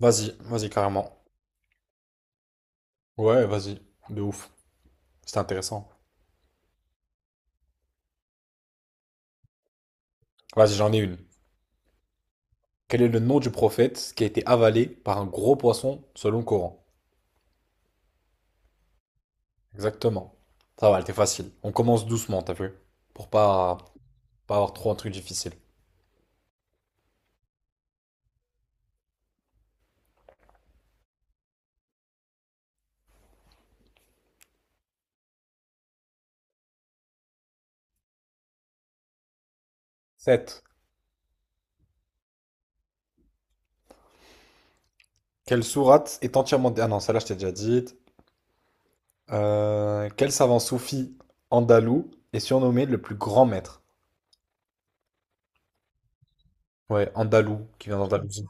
Vas-y, vas-y, carrément. Ouais, vas-y, de ouf. C'était intéressant. Vas-y, j'en ai une. Quel est le nom du prophète qui a été avalé par un gros poisson selon le Coran? Exactement. Ça va, elle était facile. On commence doucement, t'as vu? Pour pas avoir trop un truc difficile. Sept. Quelle sourate est entièrement... Ah non, celle-là, je t'ai déjà dit. Quel savant soufi andalou est surnommé le plus grand maître? Ouais, andalou, qui vient d'Andalousie.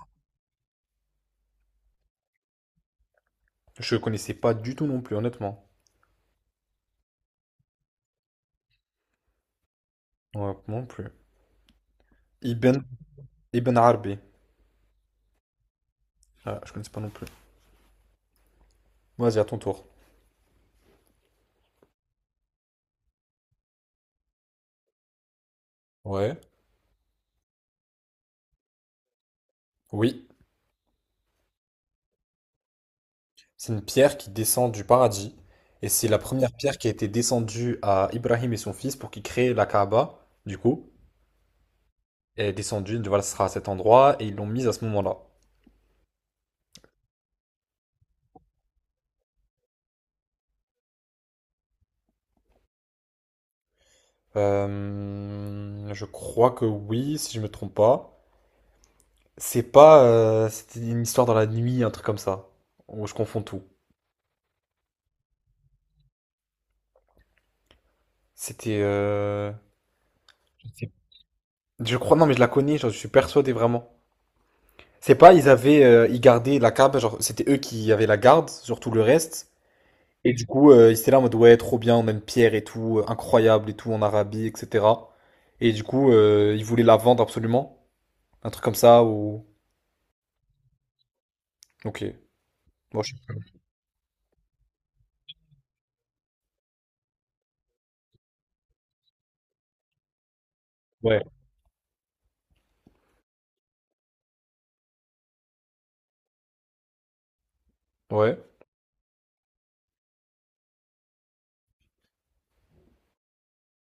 Je connaissais pas du tout non plus, honnêtement. Ouais, non plus. Ibn, Ibn Arabi. Ah, je connais pas non plus. Vas-y, à ton tour. Ouais. Oui. C'est une pierre qui descend du paradis. Et c'est la première pierre qui a été descendue à Ibrahim et son fils pour qu'ils créent la Kaaba. Du coup, elle est descendue, voilà, ce sera à cet endroit. Et ils l'ont mise à ce moment-là. Je crois que oui, si je me trompe pas. C'est pas. C'était une histoire dans la nuit, un truc comme ça. Ou je confonds tout. C'était. Je crois. Non, mais je la connais, je suis persuadé vraiment. C'est pas, ils gardaient la cab, genre c'était eux qui avaient la garde sur tout le reste. Et du coup, ils étaient là en mode ouais, trop bien, on aime Pierre et tout, incroyable et tout en Arabie, etc. Et du coup, ils voulaient la vendre absolument, un truc comme ça ou. Ok. Bon, je- Ouais, ouais,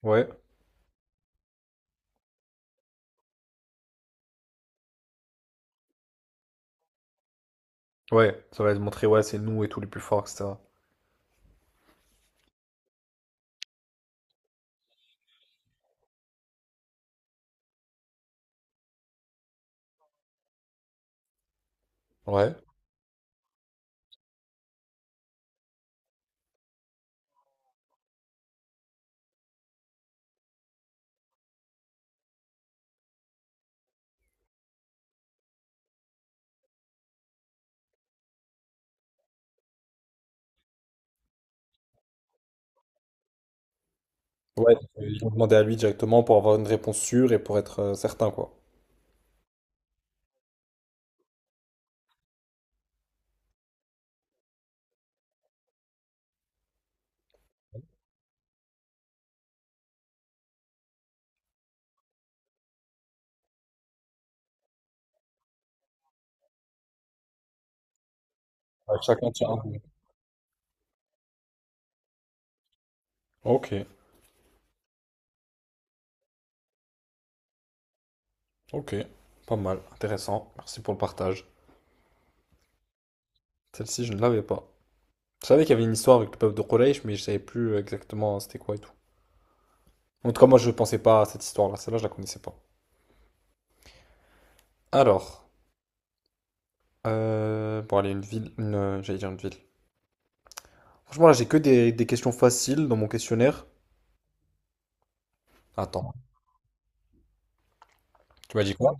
ouais, ouais. Ça va montrer ouais, c'est nous et tout les plus forts, etc. Ouais. Ouais. Ils vont demander à lui directement pour avoir une réponse sûre et pour être certain quoi. Ouais, chacun tient un bout. Ok, ok, pas mal, intéressant. Merci pour le partage. Celle-ci, je ne l'avais pas. Je savais qu'il y avait une histoire avec le peuple de Quraysh, mais je savais plus exactement c'était quoi et tout. En tout cas, moi, je pensais pas à cette histoire-là. Celle-là, je la connaissais pas. Alors, bon, allez, j'allais dire une ville. Franchement, là, j'ai que des questions faciles dans mon questionnaire. Attends, tu m'as dit quoi?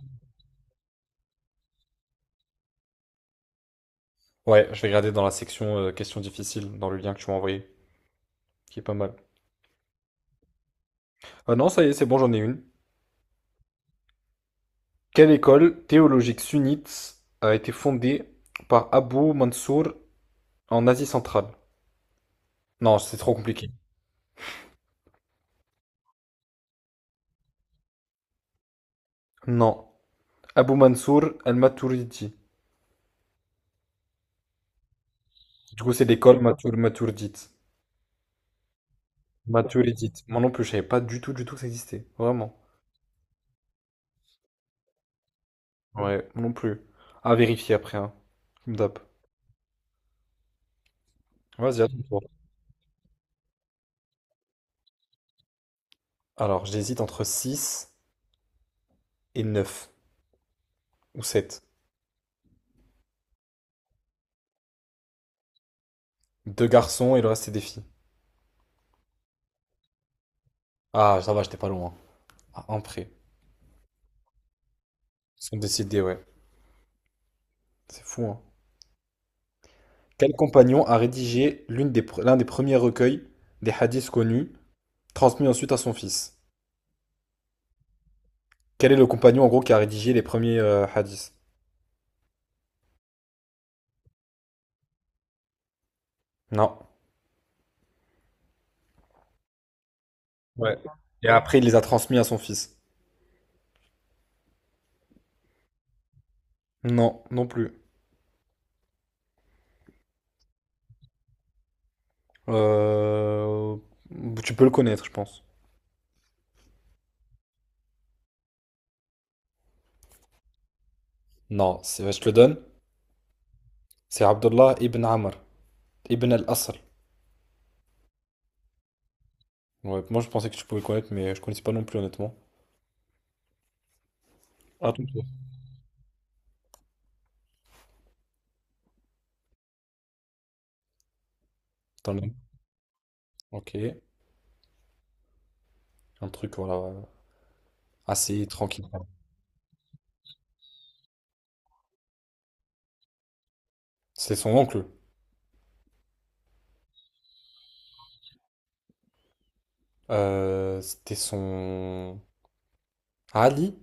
Ouais, je vais regarder dans la section questions difficiles, dans le lien que tu m'as envoyé, qui est pas mal. Ah non, ça y est, c'est bon, j'en ai une. Quelle école théologique sunnite a été fondée par Abu Mansour en Asie centrale? Non, c'est trop compliqué. Non. Abou Mansour al-Maturidi. Du coup, c'est l'école Matur Maturdite. Maturidite. Moi non plus, je savais pas du tout, du tout que ça existait. Vraiment. Ouais, moi non plus. À vérifier après, hein. Tu me tapes. Vas-y, à ton tour. Alors, j'hésite entre 6 et 9 ou 7. Deux garçons et le reste, c'est des filles. Ah, ça va, j'étais pas loin. À un près. Ils sont décidés, ouais. C'est fou, hein. Quel compagnon a rédigé l'un des premiers recueils des hadiths connus, transmis ensuite à son fils? Quel est le compagnon, en gros, qui a rédigé les premiers hadiths? Non. Ouais. Et après, il les a transmis à son fils. Non, non plus. Euh, Tu peux le connaître, je pense. Non, c'est- ouais, je te le donne. C'est Abdullah ibn Amr, ibn al-Asr. Ouais, moi, je pensais que tu pouvais le connaître, mais je connaissais pas non plus, honnêtement. À ton tour. T'en as un. Ok. Un truc, voilà, assez tranquille. C'est son oncle. C'était son... Ali?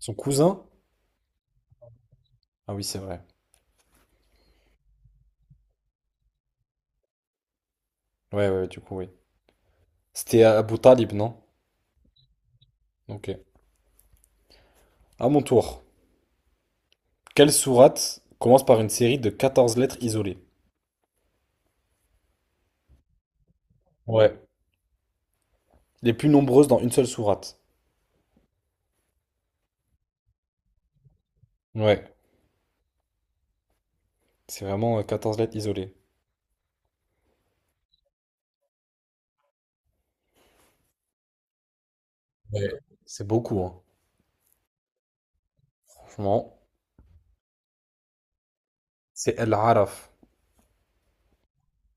Son cousin? Ah oui, c'est vrai. Ouais, ouais, ouais, du coup, oui. C'était Abu Talib, non? Ok. À mon tour. Quelle sourate commence par une série de 14 lettres isolées? Ouais, les plus nombreuses dans une seule sourate. Ouais, c'est vraiment 14 lettres isolées. C'est beaucoup, hein. Franchement, c'est El-Araf.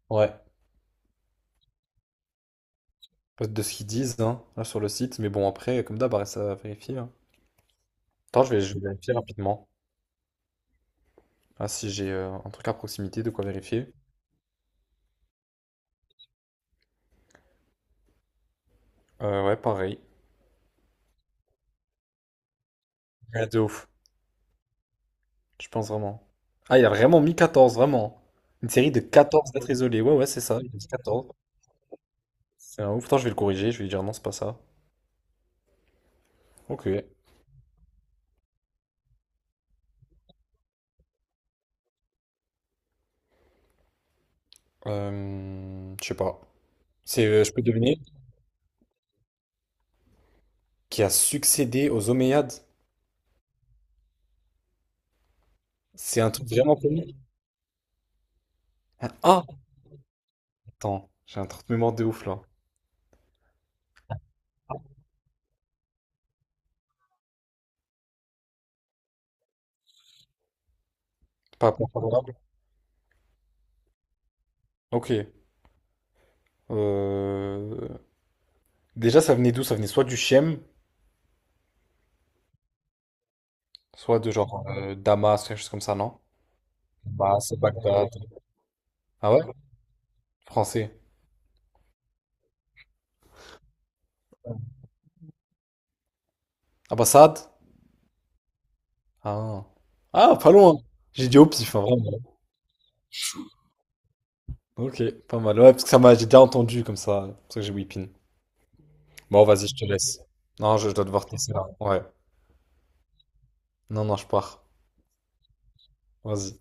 Ouais. De ce qu'ils disent hein, là, sur le site. Mais bon, après, comme d'hab, reste à vérifier, hein. Attends, je vais vérifier rapidement. Ah, si j'ai un truc à proximité, de quoi vérifier. Ouais, pareil. Ouais, de ouf. Je pense vraiment. Ah, il a vraiment mis 14 vraiment. Une série de quatorze lettres isolées. Ouais, ouais, c'est ça. Il a mis 14. C'est un ouf. Attends, je vais le corriger. Je vais lui dire non, c'est pas ça. Ok. Je sais pas. C'est, je peux deviner, qui a succédé aux Omeyyades. C'est un truc vraiment. Un- Ah! Attends, j'ai un truc de mémoire de ouf là. Pas pas favorable. Ok. Euh, Déjà, ça venait d'où? Ça venait soit du Chem, soit de genre Damas, quelque chose comme ça, non? Bah, c'est Bagdad. Ah ouais? Français. Ah bah, Saad? Ah. Ah, pas loin. J'ai dit au pif, hein, vraiment. Ok, pas mal. Ouais, parce que ça m'a, j'ai déjà entendu comme ça. C'est pour ça que j'ai whippin. Bon, vas-y, je te laisse. Non, je dois devoir te laisser là. Ouais. Non, non, je pars. Vas-y.